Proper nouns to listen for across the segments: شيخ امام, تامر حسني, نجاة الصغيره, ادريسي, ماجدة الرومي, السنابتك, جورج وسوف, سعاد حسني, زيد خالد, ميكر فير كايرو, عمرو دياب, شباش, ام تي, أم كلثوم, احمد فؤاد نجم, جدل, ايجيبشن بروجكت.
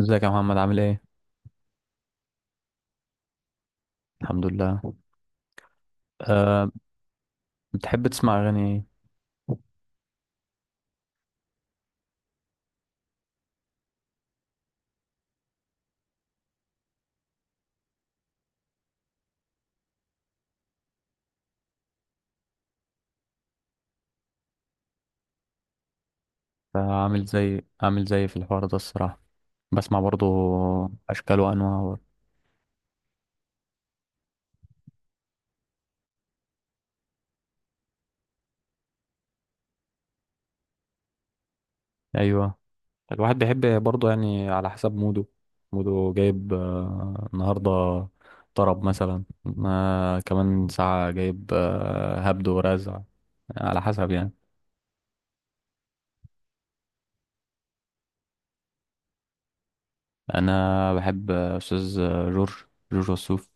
ازيك يا محمد، عامل ايه؟ الحمد لله. أه. بتحب تسمع اغاني ايه؟ عامل زي في الحوار ده الصراحة. بسمع برضو اشكال وانواع. ايوه، الواحد بيحب برضه يعني على حسب موده، جايب النهاردة طرب مثلا، كمان ساعة جايب هبد ورزع، على حسب يعني. أنا بحب أستاذ جورج وسوف.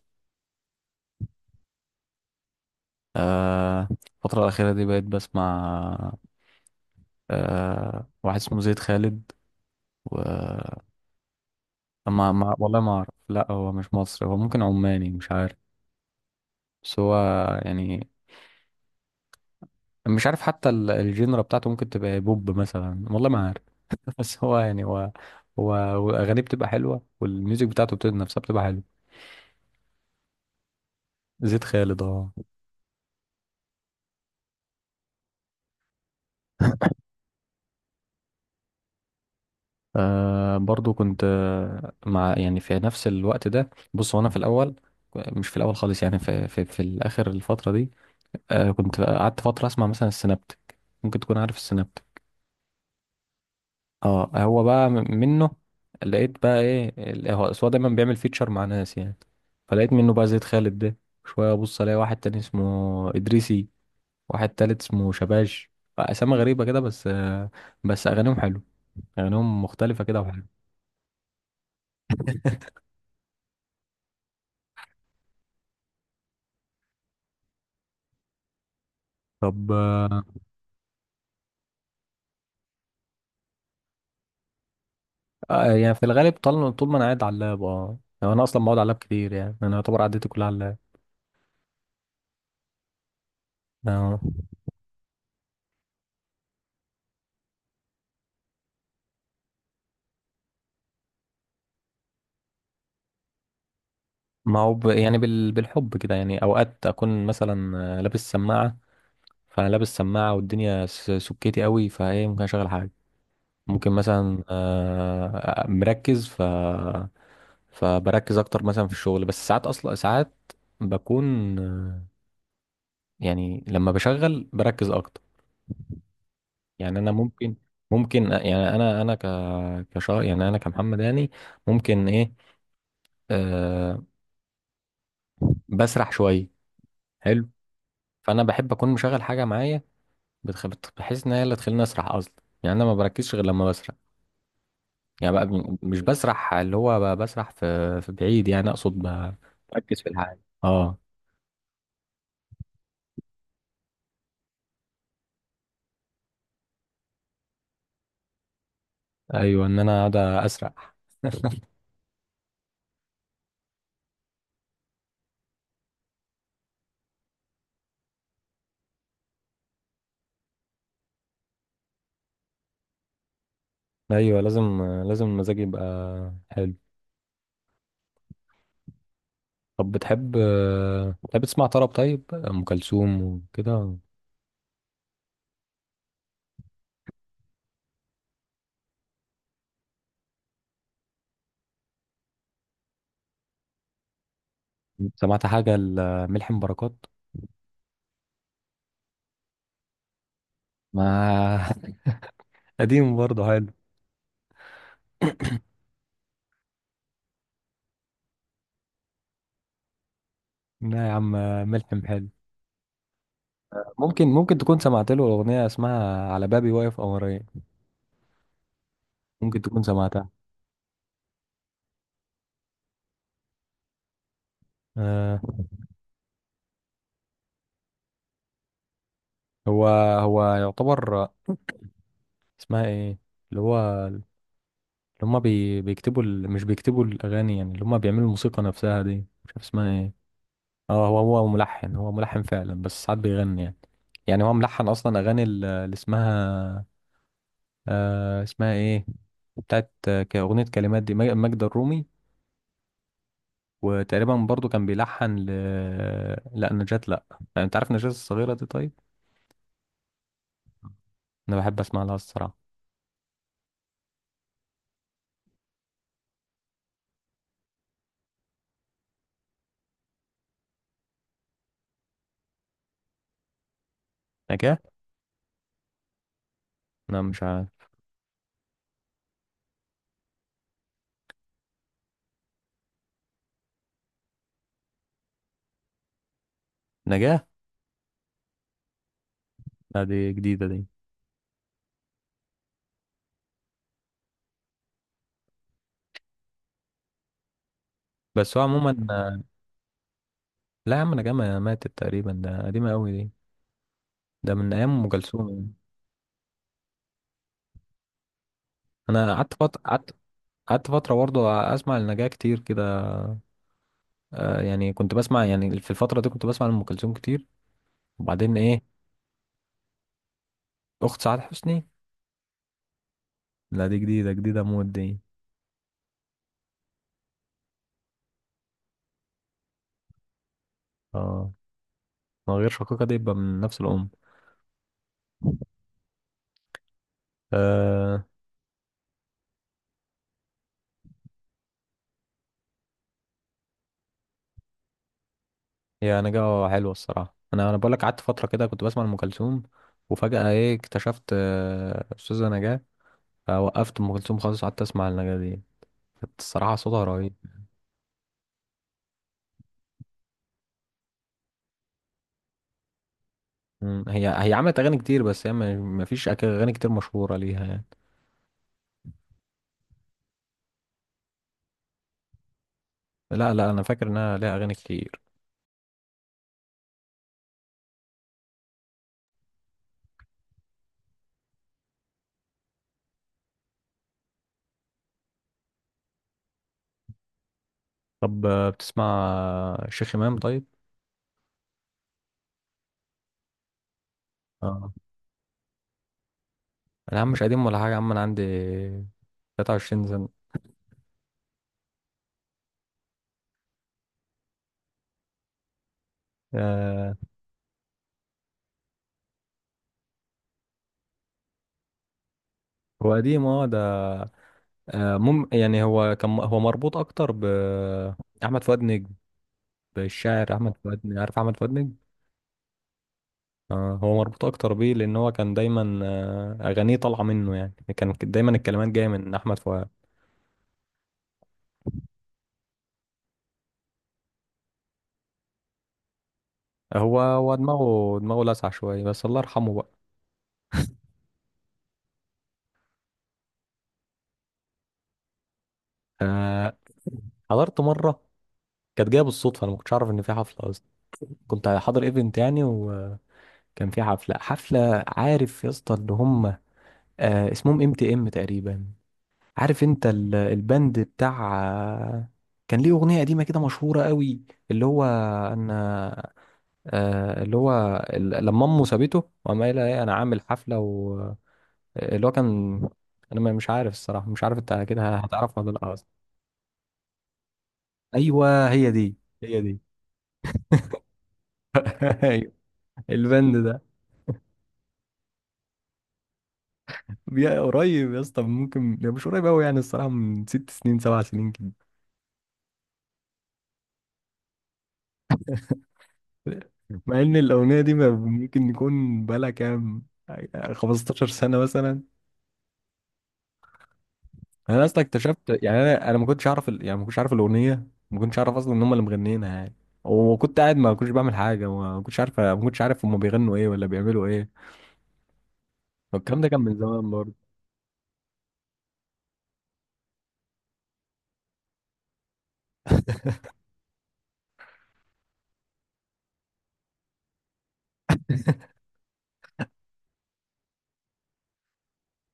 آه، الفترة الأخيرة دي بقيت بسمع واحد اسمه زيد خالد و... ما... ما... والله ما أعرف، لا هو مش مصري، هو ممكن عماني، مش عارف. بس هو يعني مش عارف حتى الجينرا بتاعته ممكن تبقى بوب مثلا، والله ما عارف. بس هو يعني هو واغانيه بتبقى حلوه والميوزك بتاعته بتبقى نفسها بتبقى حلوه. زيد خالد، اه. برضو كنت مع يعني في نفس الوقت ده، بص، وانا في الاول، مش في الاول خالص يعني، في الاخر الفتره دي. كنت قعدت فتره اسمع مثلا السنابتك. ممكن تكون عارف السنابتك. اه، هو بقى منه، لقيت بقى ايه، هو أصل هو دايما بيعمل فيتشر مع ناس يعني، فلقيت منه بقى زيد خالد ده. شوية ابص الاقي واحد تاني اسمه ادريسي، واحد تالت اسمه شباش. اسامي غريبة كده، بس بس اغانيهم حلو، اغانيهم مختلفة كده وحلو. طب يعني في الغالب طول ما انا قاعد على اللاب، اه يعني انا اصلا بقعد على اللاب كتير، يعني انا يعتبر قعدتي كلها على اللاب. آه. ما هو يعني بالحب كده، يعني اوقات اكون مثلا لابس سماعة، فانا لابس سماعه والدنيا سكتي قوي، فايه ممكن اشغل حاجه، ممكن مثلا مركز فبركز اكتر مثلا في الشغل. بس ساعات، اصلا ساعات بكون يعني لما بشغل بركز اكتر، يعني انا ممكن يعني انا كشا يعني، انا كمحمد يعني، ممكن ايه، أه بسرح شويه، حلو. فانا بحب اكون مشغل حاجه معايا، بحيث ان هي اللي تخليني اسرح اصلا، يعني انا ما بركزش غير لما بسرح، يعني بقى مش بسرح اللي هو بسرح في بعيد، يعني اقصد بركز في الحاجه، اه. ايوه ان انا قاعد اسرح. ايوه لازم، لازم المزاج يبقى حلو. طب بتحب، تسمع طرب طيب، ام كلثوم وكده؟ سمعت حاجه لملحم بركات. ما. قديم برضه حلو. لا يا عم، ملحم حلو. ممكن، تكون سمعت له اغنيه اسمها على بابي واقف قمرين. ممكن تكون سمعتها. آه هو يعتبر، اسمها ايه، اللي هو اللي هما بيكتبوا مش بيكتبوا الاغاني يعني، اللي هما بيعملوا الموسيقى نفسها دي، مش عارف اسمها ايه. اه، هو ملحن فعلا، بس ساعات بيغني يعني، يعني هو ملحن اصلا اغاني اللي اسمها اسمها ايه، بتاعت اغنيه كلمات دي ماجدة الرومي. وتقريبا برضو كان بيلحن لا نجاة، لا يعني، انت عارف نجاة الصغيره دي طيب. انا بحب اسمع لها الصراحه. نجاة. انا مش عارف. نجاة، لا دي جديده دي. بس هو عموما، لا يا عم نجمة ماتت تقريبا، ده قديمة أوي دي، ده من أيام أم كلثوم يعني. أنا قعدت فترة، قعدت قعدت فترة برضه أسمع النجاة كتير كده. يعني كنت بسمع، يعني في الفترة دي كنت بسمع أم كلثوم كتير وبعدين إيه أخت سعاد حسني؟ لا دي جديدة جديدة موت دي. اه، من غير شقيقة دي يبقى من نفس الأم. آه يا نجاة حلوة الصراحة، أنا بقول لك قعدت فترة كده كنت بسمع أم كلثوم وفجأة إيه، اكتشفت أستاذة نجاة، فوقفت أم كلثوم خالص، قعدت أسمع النجاة دي. كانت الصراحة صوتها رهيب. مم. هي عملت اغاني كتير، بس هي ما فيش اغاني كتير مشهوره ليها يعني. لا لا انا فاكر انها ليها اغاني كتير. طب بتسمع شيخ امام طيب؟ اه، انا يا عم مش قديم ولا حاجه يا عم، انا عندي 23 سنه. آه هو قديم اه ده. يعني هو كان، هو مربوط اكتر ب احمد فؤاد نجم، بالشاعر احمد فؤاد نجم، عارف احمد فؤاد نجم. هو مربوط اكتر بيه لان هو كان دايما اغانيه طالعه منه، يعني كان دايما الكلمات جايه من احمد فؤاد. هو دماغه لسع شويه، بس الله يرحمه بقى. آه، حضرت مره، كانت جايه بالصدفه، انا ما كنتش اعرف ان في حفله اصلا، كنت حاضر ايفنت يعني، وكان في حفله، عارف يا اسطى، اللي هم اسمهم ام تي ام تقريبا. عارف انت البند بتاع كان ليه اغنيه قديمه كده مشهوره قوي. اللي هو انا، اللي هو لما امه سابته وقام قايلها ايه انا عامل حفله، اللي هو كان، انا مش عارف الصراحه، مش عارف انت كده هتعرفها ولا لا اصلا. ايوه هي دي، هي دي. ايوه البند ده. قريب يا اسطى، ممكن، لا، مش قريب قوي يعني الصراحه، من 6 سنين 7 سنين كده. مع ان الاغنيه دي ممكن يكون بقالها كام، 15 سنه مثلا. انا اصلا اكتشفت يعني، انا ما كنتش اعرف يعني ما كنتش اعرف الاغنيه، ما كنتش اعرف اصلا ان هم اللي مغنيينها يعني، وكنت قاعد ما كنتش بعمل حاجه، ما كنتش عارف هم بيغنوا ايه ولا بيعملوا ايه، والكلام ده كان من زمان برضه.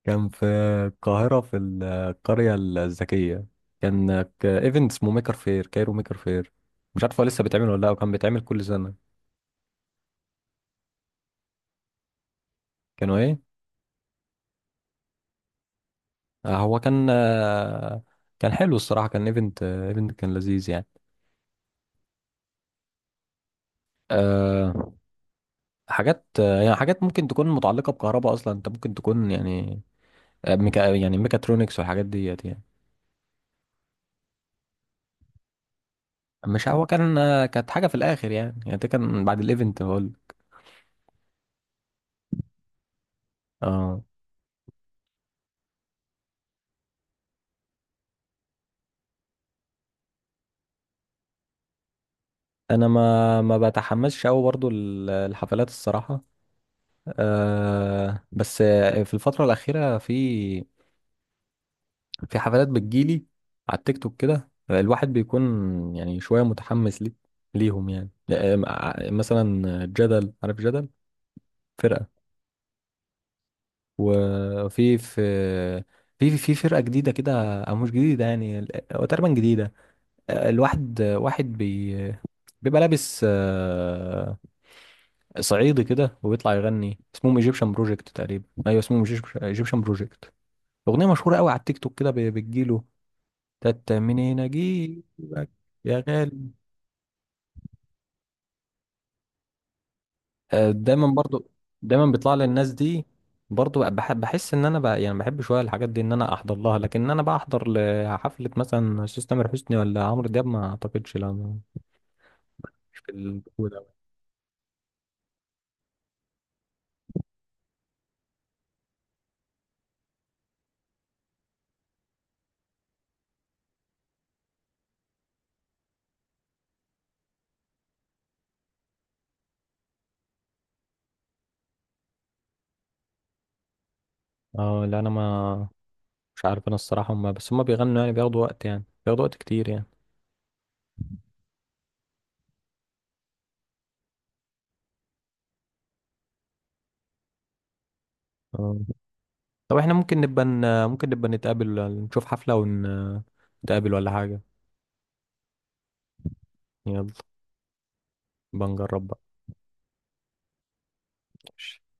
كان في القاهرة في القرية الذكية، كان ايفنت اسمه ميكر فير كايرو، ميكر فير. مش عارف هو لسه بيتعمل ولا لا، وكان بيتعمل كل سنة. كانوا ايه. هو كان كان حلو الصراحة، كان ايفنت، ايفنت كان لذيذ يعني. أه حاجات يعني حاجات ممكن تكون متعلقة بكهرباء أصلا، أنت ممكن تكون يعني ميكاترونكس والحاجات ديت يعني. مش هو كان كانت حاجة في الآخر يعني، يعني ده كان بعد الايفنت هقول. اه انا ما بتحمسش قوي برضو الحفلات الصراحه. بس في الفتره الاخيره، في حفلات بتجيلي على التيك توك كده، الواحد بيكون يعني شويه متحمس ليهم يعني، مثلا جدل، عارف جدل، فرقه. وفي في في في فرقه جديده كده، او مش جديده يعني، هو تقريبا جديده. واحد بيبقى لابس صعيدي كده وبيطلع يغني، اسمهم ايجيبشن بروجكت تقريبا. ايوه اسمهم ايجيبشن بروجكت. اغنيه مشهوره قوي على التيك توك كده بتجيله، منين اجيبك يا غالي. دايما برضو دايما بيطلع لي الناس دي، برضو بحس ان انا بقى يعني بحب شويه الحاجات دي ان انا احضر لها، لكن ان انا بقى احضر لحفله مثلا استاذ تامر حسني ولا عمرو دياب، ما اعتقدش، لا، مش في الجو ده. اه، لا انا ما مش عارف، انا الصراحه هم بس هم بيغنوا يعني، بياخدوا وقت يعني، بياخدوا وقت كتير يعني. آه. طب احنا ممكن نبقى نتقابل نشوف حفله ونتقابل ولا حاجه. يلا بنجرب بقى